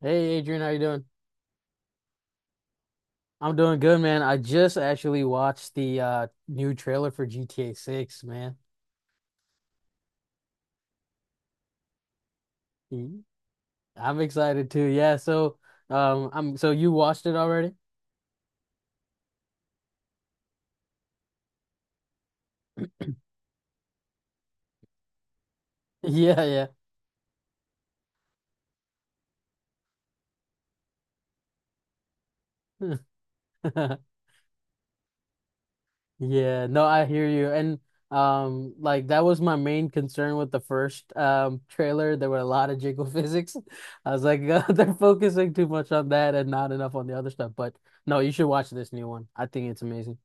Hey Adrian, how you doing? I'm doing good, man. I just actually watched the new trailer for GTA 6, man. Mm, I'm excited too. Yeah, so I'm so you watched it already? Yeah, yeah. Yeah, no, I hear you. And like that was my main concern with the first trailer. There were a lot of jiggle physics. I was like, they're focusing too much on that and not enough on the other stuff. But no, you should watch this new one. I think it's amazing.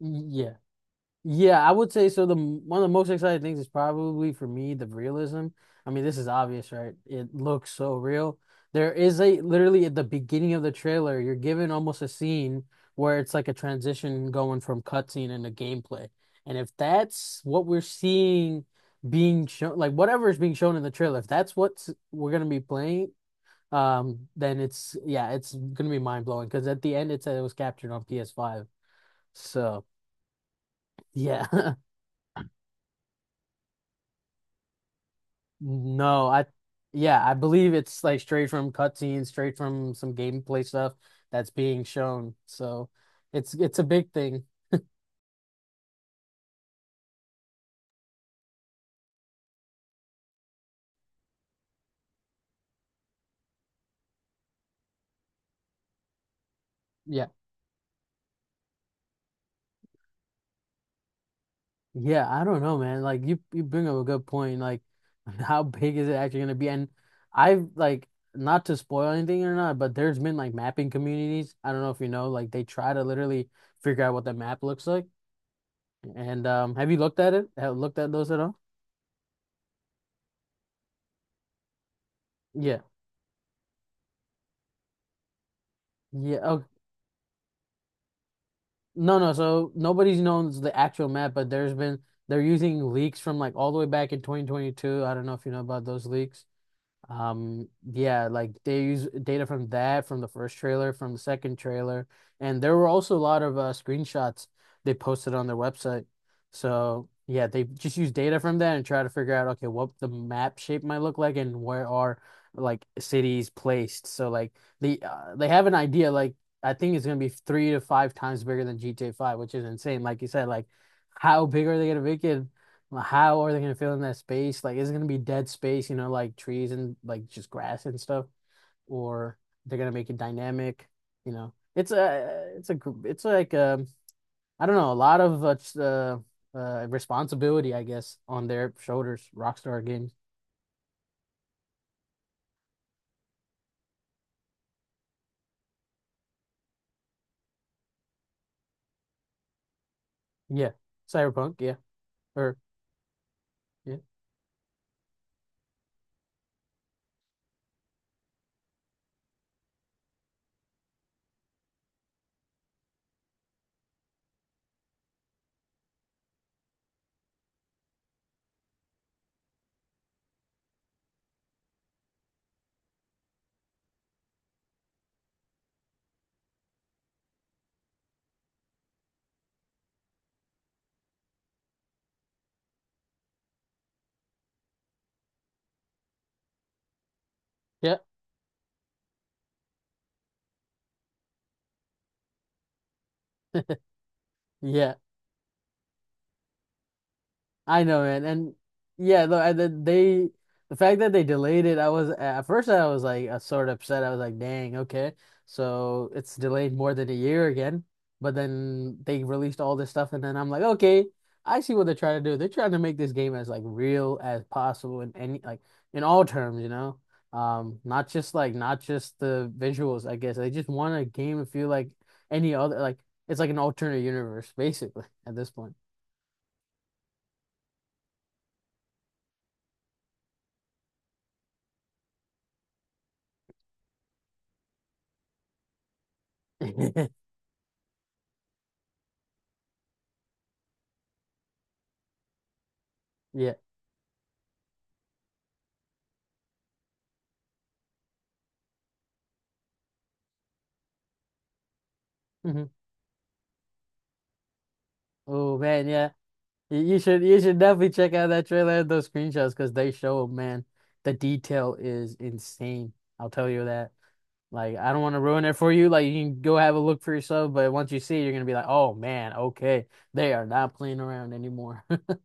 Yeah. Yeah, I would say so. One of the most exciting things is probably for me the realism. I mean, this is obvious, right? It looks so real. There is a literally at the beginning of the trailer, you're given almost a scene where it's like a transition going from cutscene into gameplay. And if that's what we're seeing being shown, like whatever is being shown in the trailer, if that's what we're gonna be playing, then it's yeah, it's gonna be mind blowing because at the end it said it was captured on PS5. So yeah. No, I yeah, I believe it's like straight from cutscenes, straight from some gameplay stuff that's being shown. So it's a big thing. Yeah. Yeah, I don't know, man. Like you bring up a good point. Like how big is it actually gonna be? And I've like not to spoil anything or not, but there's been like mapping communities. I don't know if you know, like they try to literally figure out what the map looks like. And have you looked at it? Have looked at those at all? Yeah. Yeah. No, no. So nobody's known the actual map, but there's been they're using leaks from like all the way back in 2022. I don't know if you know about those leaks. Yeah, like they use data from that, from the first trailer, from the second trailer, and there were also a lot of screenshots they posted on their website. So yeah, they just use data from that and try to figure out okay what the map shape might look like and where are like cities placed. So like the they have an idea. Like I think it's gonna be three to five times bigger than GTA 5, which is insane. Like you said, like how big are they gonna make it? Like, how are they gonna fill in that space? Like, is it gonna be dead space, you know, like trees and like just grass and stuff? Or they're gonna make it dynamic, you know? It's a, it's a, it's like I don't know, a lot of uh, responsibility, I guess, on their shoulders. Rockstar Games, yeah, Cyberpunk, yeah, or yeah, yeah, yeah. I know, man. And yeah, though. And then they the fact that they delayed it, I was at first I was like sort of upset. I was like, dang, okay. So it's delayed more than a year again. But then they released all this stuff and then I'm like, okay, I see what they're trying to do. They're trying to make this game as like real as possible in any like in all terms, you know? Not just like not just the visuals, I guess. They just want a game to feel like any other like it's like an alternate universe, basically, at this point. Yeah. Mhm. Oh man, yeah. You should definitely check out that trailer and those screenshots because they show, man, the detail is insane. I'll tell you that. Like, I don't want to ruin it for you. Like, you can go have a look for yourself, but once you see it, you're gonna be like, oh man, okay, they are not playing around anymore.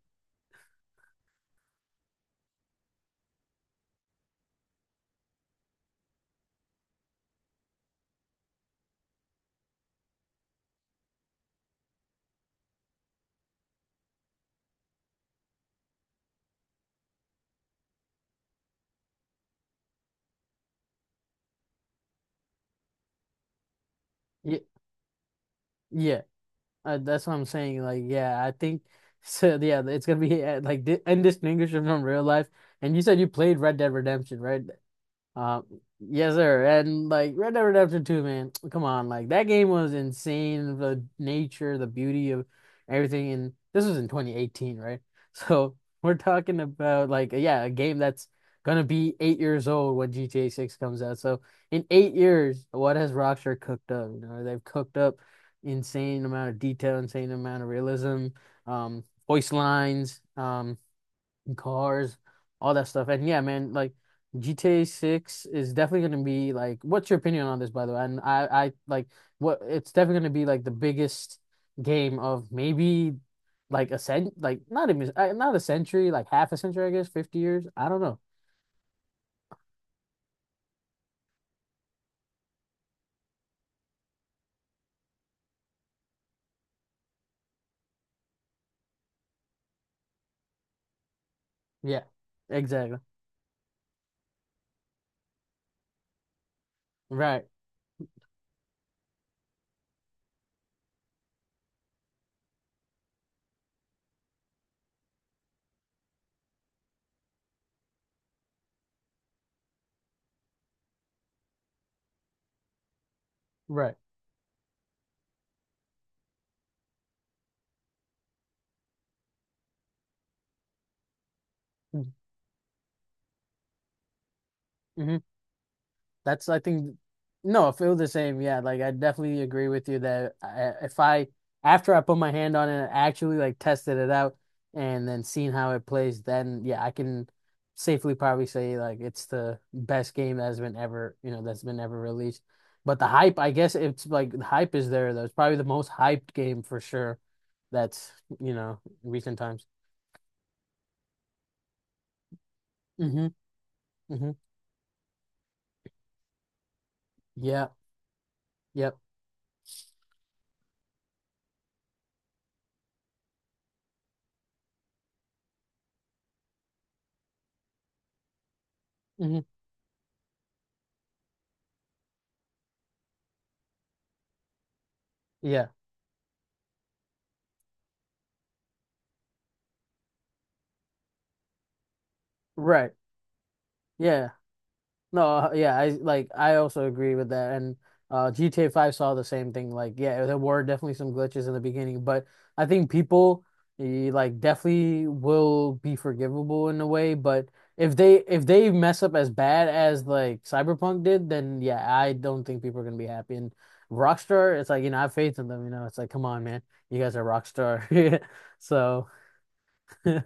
Yeah, yeah, that's what I'm saying. Like, yeah, I think so. Yeah, it's gonna be like di indistinguishable from real life. And you said you played Red Dead Redemption, right? Um, yes, sir. And like Red Dead Redemption 2, man, come on, like that game was insane. The nature, the beauty of everything, and this was in 2018, right? So we're talking about like yeah, a game that's gonna be 8 years old when GTA 6 comes out. So in 8 years, what has Rockstar cooked up? You know, they've cooked up insane amount of detail, insane amount of realism, voice lines. Cars, all that stuff. And yeah, man, like GTA 6 is definitely going to be like, what's your opinion on this, by the way? And I like what it's definitely going to be like the biggest game of maybe like like not even not a century, like half a century, I guess, 50 years. I don't know. Yeah, exactly. Right, right. Mhm. That's I think no, I feel the same. Yeah, like I definitely agree with you that I, if I after I put my hand on it, I actually like tested it out and then seen how it plays, then yeah, I can safely probably say like it's the best game that's been ever, you know, that's been ever released. But the hype, I guess it's like the hype is there though. It's probably the most hyped game for sure that's, you know, recent times. Mm-hmm. Mm-hmm. Yeah. Yep. Mm-hmm. Yeah. Right. Yeah. No, yeah, I like I also agree with that. And GTA 5 saw the same thing. Like, yeah, there were definitely some glitches in the beginning, but I think people like definitely will be forgivable in a way, but if they mess up as bad as like Cyberpunk did, then yeah, I don't think people are gonna be happy. And Rockstar, it's like, you know, I have faith in them, you know. It's like, come on, man. You guys are Rockstar. So, yeah.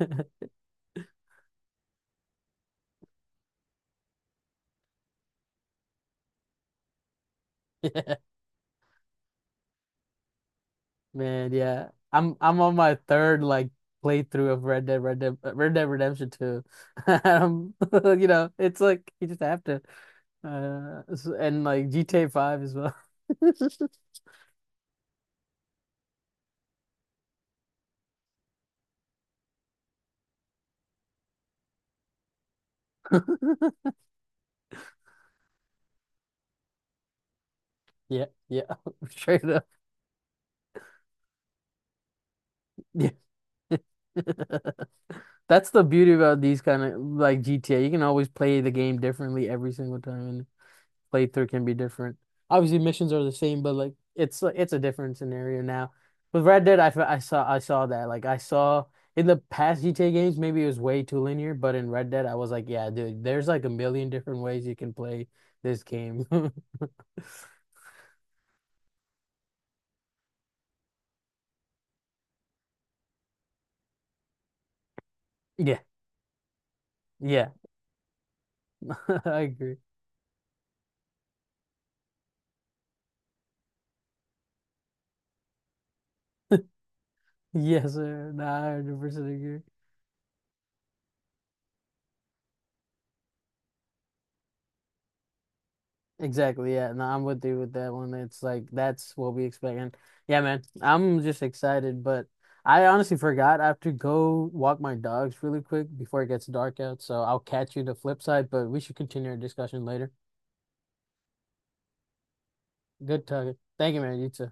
Man, yeah. I'm on my third like playthrough of Red Dead Redemption 2. You know, it's like you just have to and like GTA 5 as well. Yeah, yeah. Straight up. Yeah. That's the beauty about these kind of like GTA. You can always play the game differently every single time playthrough can be different. Obviously, missions are the same, but like it's a different scenario now. With Red Dead, I saw that. Like I saw in the past GTA games, maybe it was way too linear, but in Red Dead, I was like, yeah, dude, there's like a million different ways you can play this game. Yeah, yeah, I agree. Yes, sir. Nah, I 100% agree. Exactly, yeah. No, I'm with you with that one. It's like that's what we expect. And yeah, man, I'm just excited, but I honestly forgot I have to go walk my dogs really quick before it gets dark out. So I'll catch you the flip side, but we should continue our discussion later. Good talking. Thank you, man. You too.